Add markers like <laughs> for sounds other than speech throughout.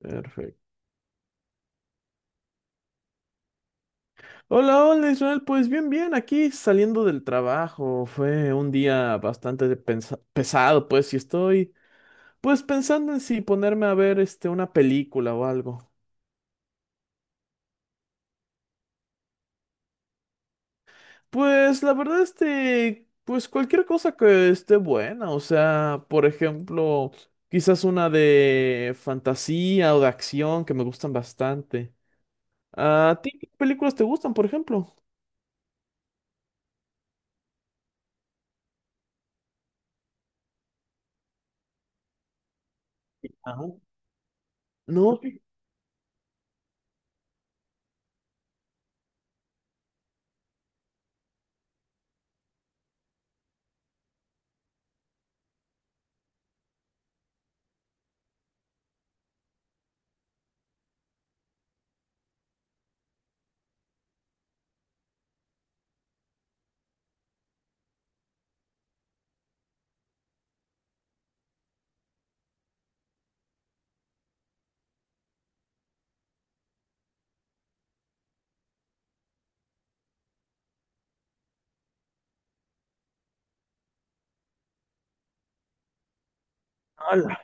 Perfecto. Hola, hola Israel, pues bien, bien, aquí saliendo del trabajo, fue un día bastante pesado, pues, y estoy, pues, pensando en si ponerme a ver, este, una película o algo. Pues, la verdad, este, pues, cualquier cosa que esté buena, o sea, por ejemplo, quizás una de fantasía o de acción que me gustan bastante. ¿A ti qué películas te gustan, por ejemplo? Ajá. No, ala.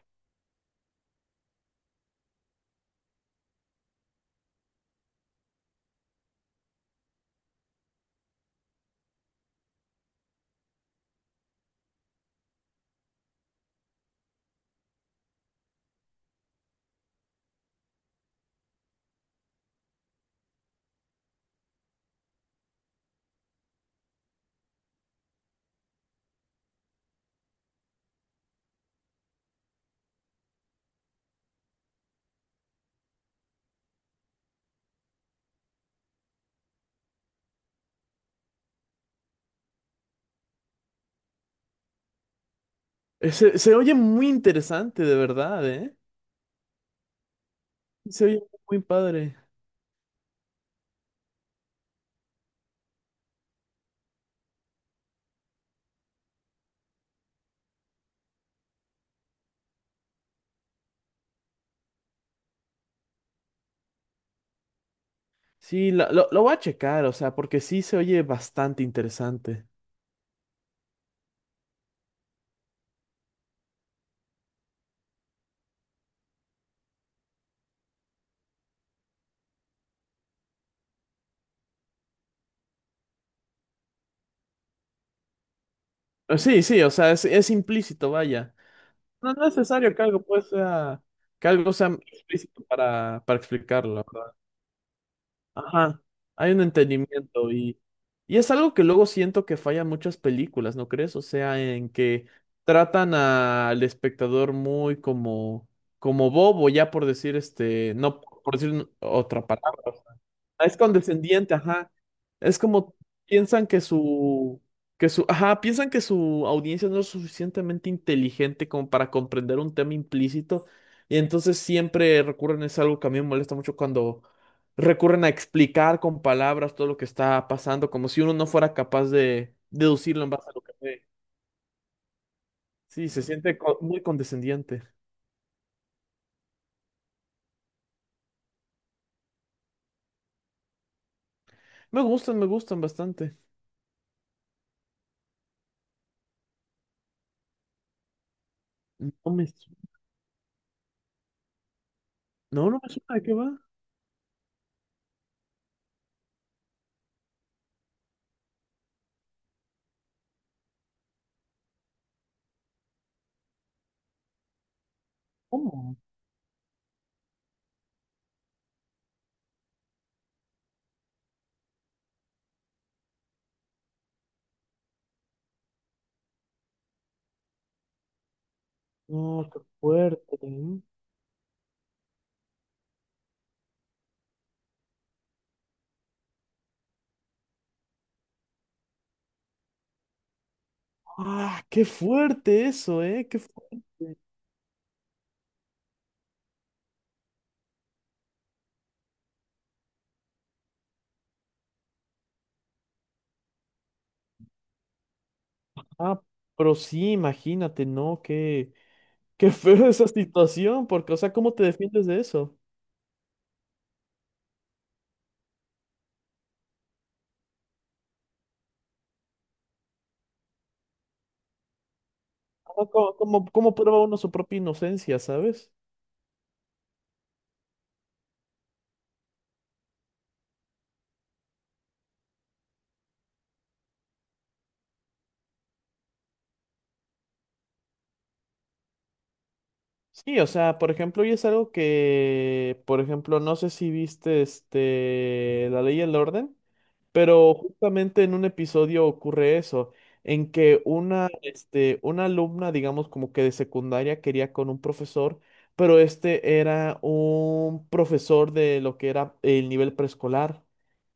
Se oye muy interesante, de verdad, ¿eh? Se oye muy padre. Sí, lo voy a checar, o sea, porque sí se oye bastante interesante. Sí, sí, o sea, es implícito, vaya. No, no es necesario que algo pues sea, que algo sea explícito para, explicarlo, la, ¿verdad? Ajá, hay un entendimiento y es algo que luego siento que fallan muchas películas, ¿no crees? O sea, en que tratan al espectador muy como bobo, ya por decir este, no por decir otra palabra. Ah, es condescendiente, ajá. Es como piensan que su, ajá, piensan que su audiencia no es suficientemente inteligente como para comprender un tema implícito. Y entonces siempre recurren, es algo que a mí me molesta mucho cuando recurren a explicar con palabras todo lo que está pasando, como si uno no fuera capaz de deducirlo en base a lo que ve. Sí, se siente muy condescendiente. Me gustan bastante. No me, su- no, no me suena de qué va. ¿Cómo? No, qué fuerte. Ah, qué fuerte eso, ¿eh? Qué fuerte. Ah, pero sí, imagínate, ¿no? Qué, qué feo <laughs> esa situación, porque, o sea, ¿cómo te defiendes de eso? ¿Cómo prueba uno su propia inocencia, sabes? Sí, o sea, por ejemplo, y es algo que, por ejemplo, no sé si viste este, La Ley y el Orden. Pero justamente en un episodio ocurre eso, en que una, este, una alumna, digamos como que de secundaria, quería con un profesor, pero este era un profesor de lo que era el nivel preescolar.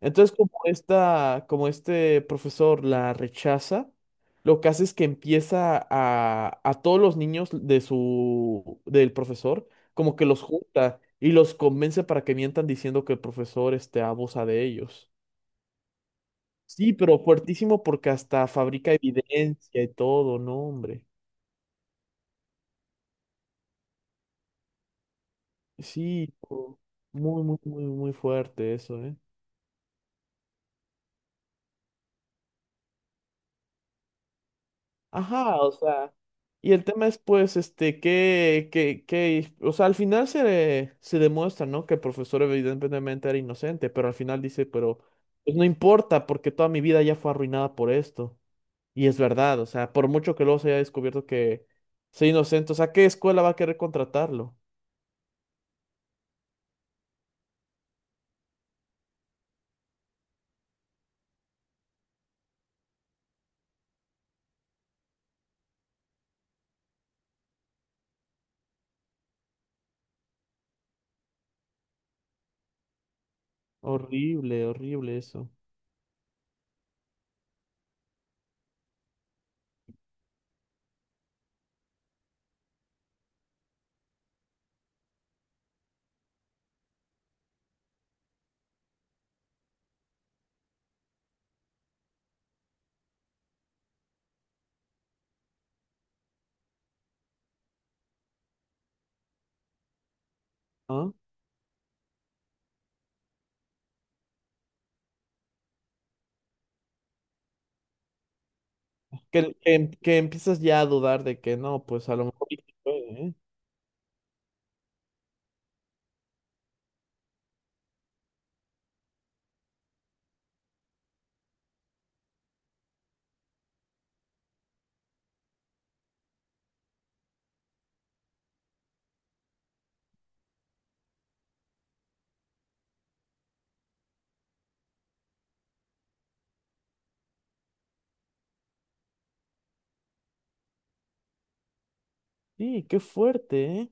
Entonces, como esta, como este profesor la rechaza, lo que hace es que empieza a todos los niños de del profesor, como que los junta y los convence para que mientan diciendo que el profesor, este, abusa de ellos. Sí, pero fuertísimo porque hasta fabrica evidencia y todo, no, hombre. Sí, muy, muy, muy, muy fuerte eso, ¿eh? Ajá, o sea, y el tema es pues, este, que, o sea, al final se demuestra, ¿no? Que el profesor evidentemente era inocente, pero al final dice, pero, pues no importa porque toda mi vida ya fue arruinada por esto. Y es verdad, o sea, por mucho que luego se haya descubierto que sea inocente, o sea, ¿qué escuela va a querer contratarlo? Horrible, horrible eso. ¿Ah? Que empiezas ya a dudar de que no, pues a lo mejor y sí puede, ¿eh? Sí, qué fuerte, ¿eh?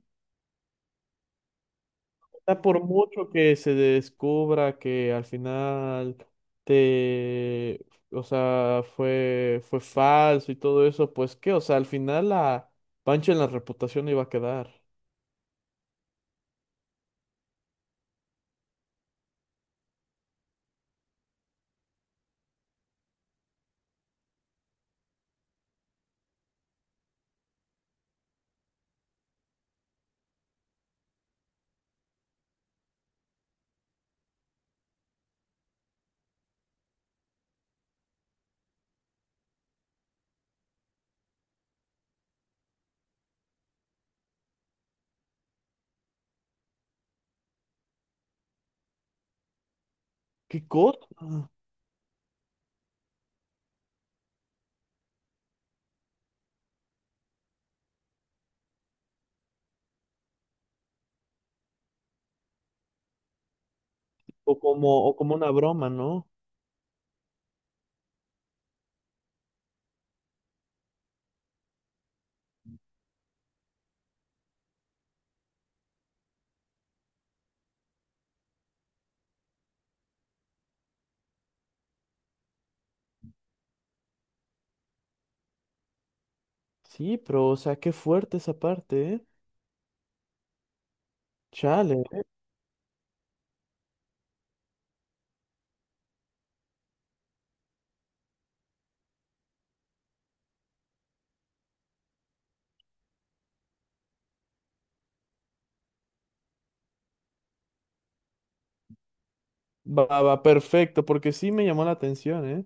O por mucho que se descubra que al final te, o sea, fue falso y todo eso, pues qué, o sea, al final la pancha en la reputación iba a quedar. ¿Qué cosa? O como una broma, ¿no? Sí, pero, o sea, qué fuerte esa parte, ¿eh? Chale. Va, va, perfecto, porque sí me llamó la atención, ¿eh?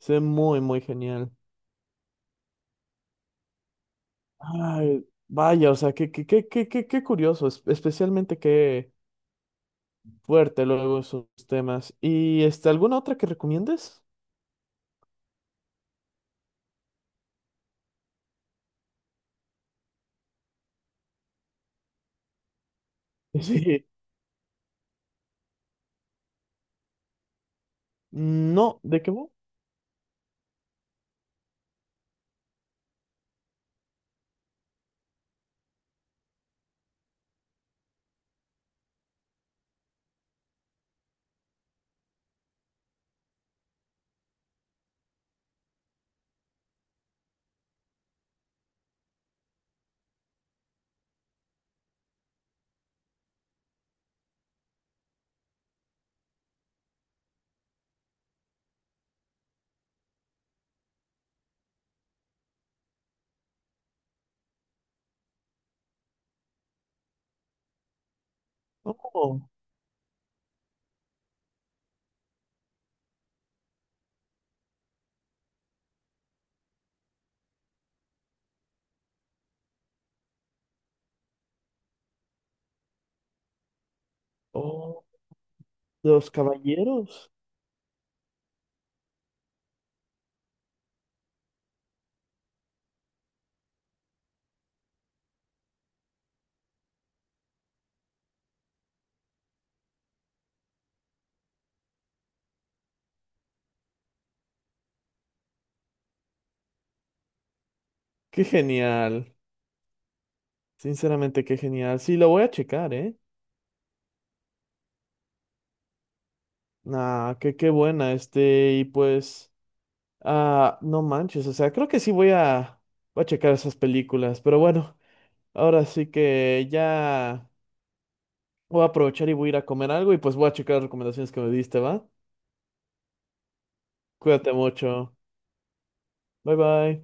Se ve muy, muy genial. Ay, vaya, o sea, qué, qué, qué, qué, qué, qué curioso, especialmente qué fuerte luego esos temas. ¿Y este, alguna otra que recomiendes? <laughs> Sí. No, ¿de qué va? Oh. Oh, Los Caballeros. Qué genial. Sinceramente, qué genial. Sí, lo voy a checar, ¿eh? Ah, qué, qué buena, este, y pues, ah, no manches, o sea, creo que sí voy a, checar esas películas, pero bueno, ahora sí que ya. Voy a aprovechar y voy a ir a comer algo y pues voy a checar las recomendaciones que me diste, ¿va? Cuídate mucho. Bye bye.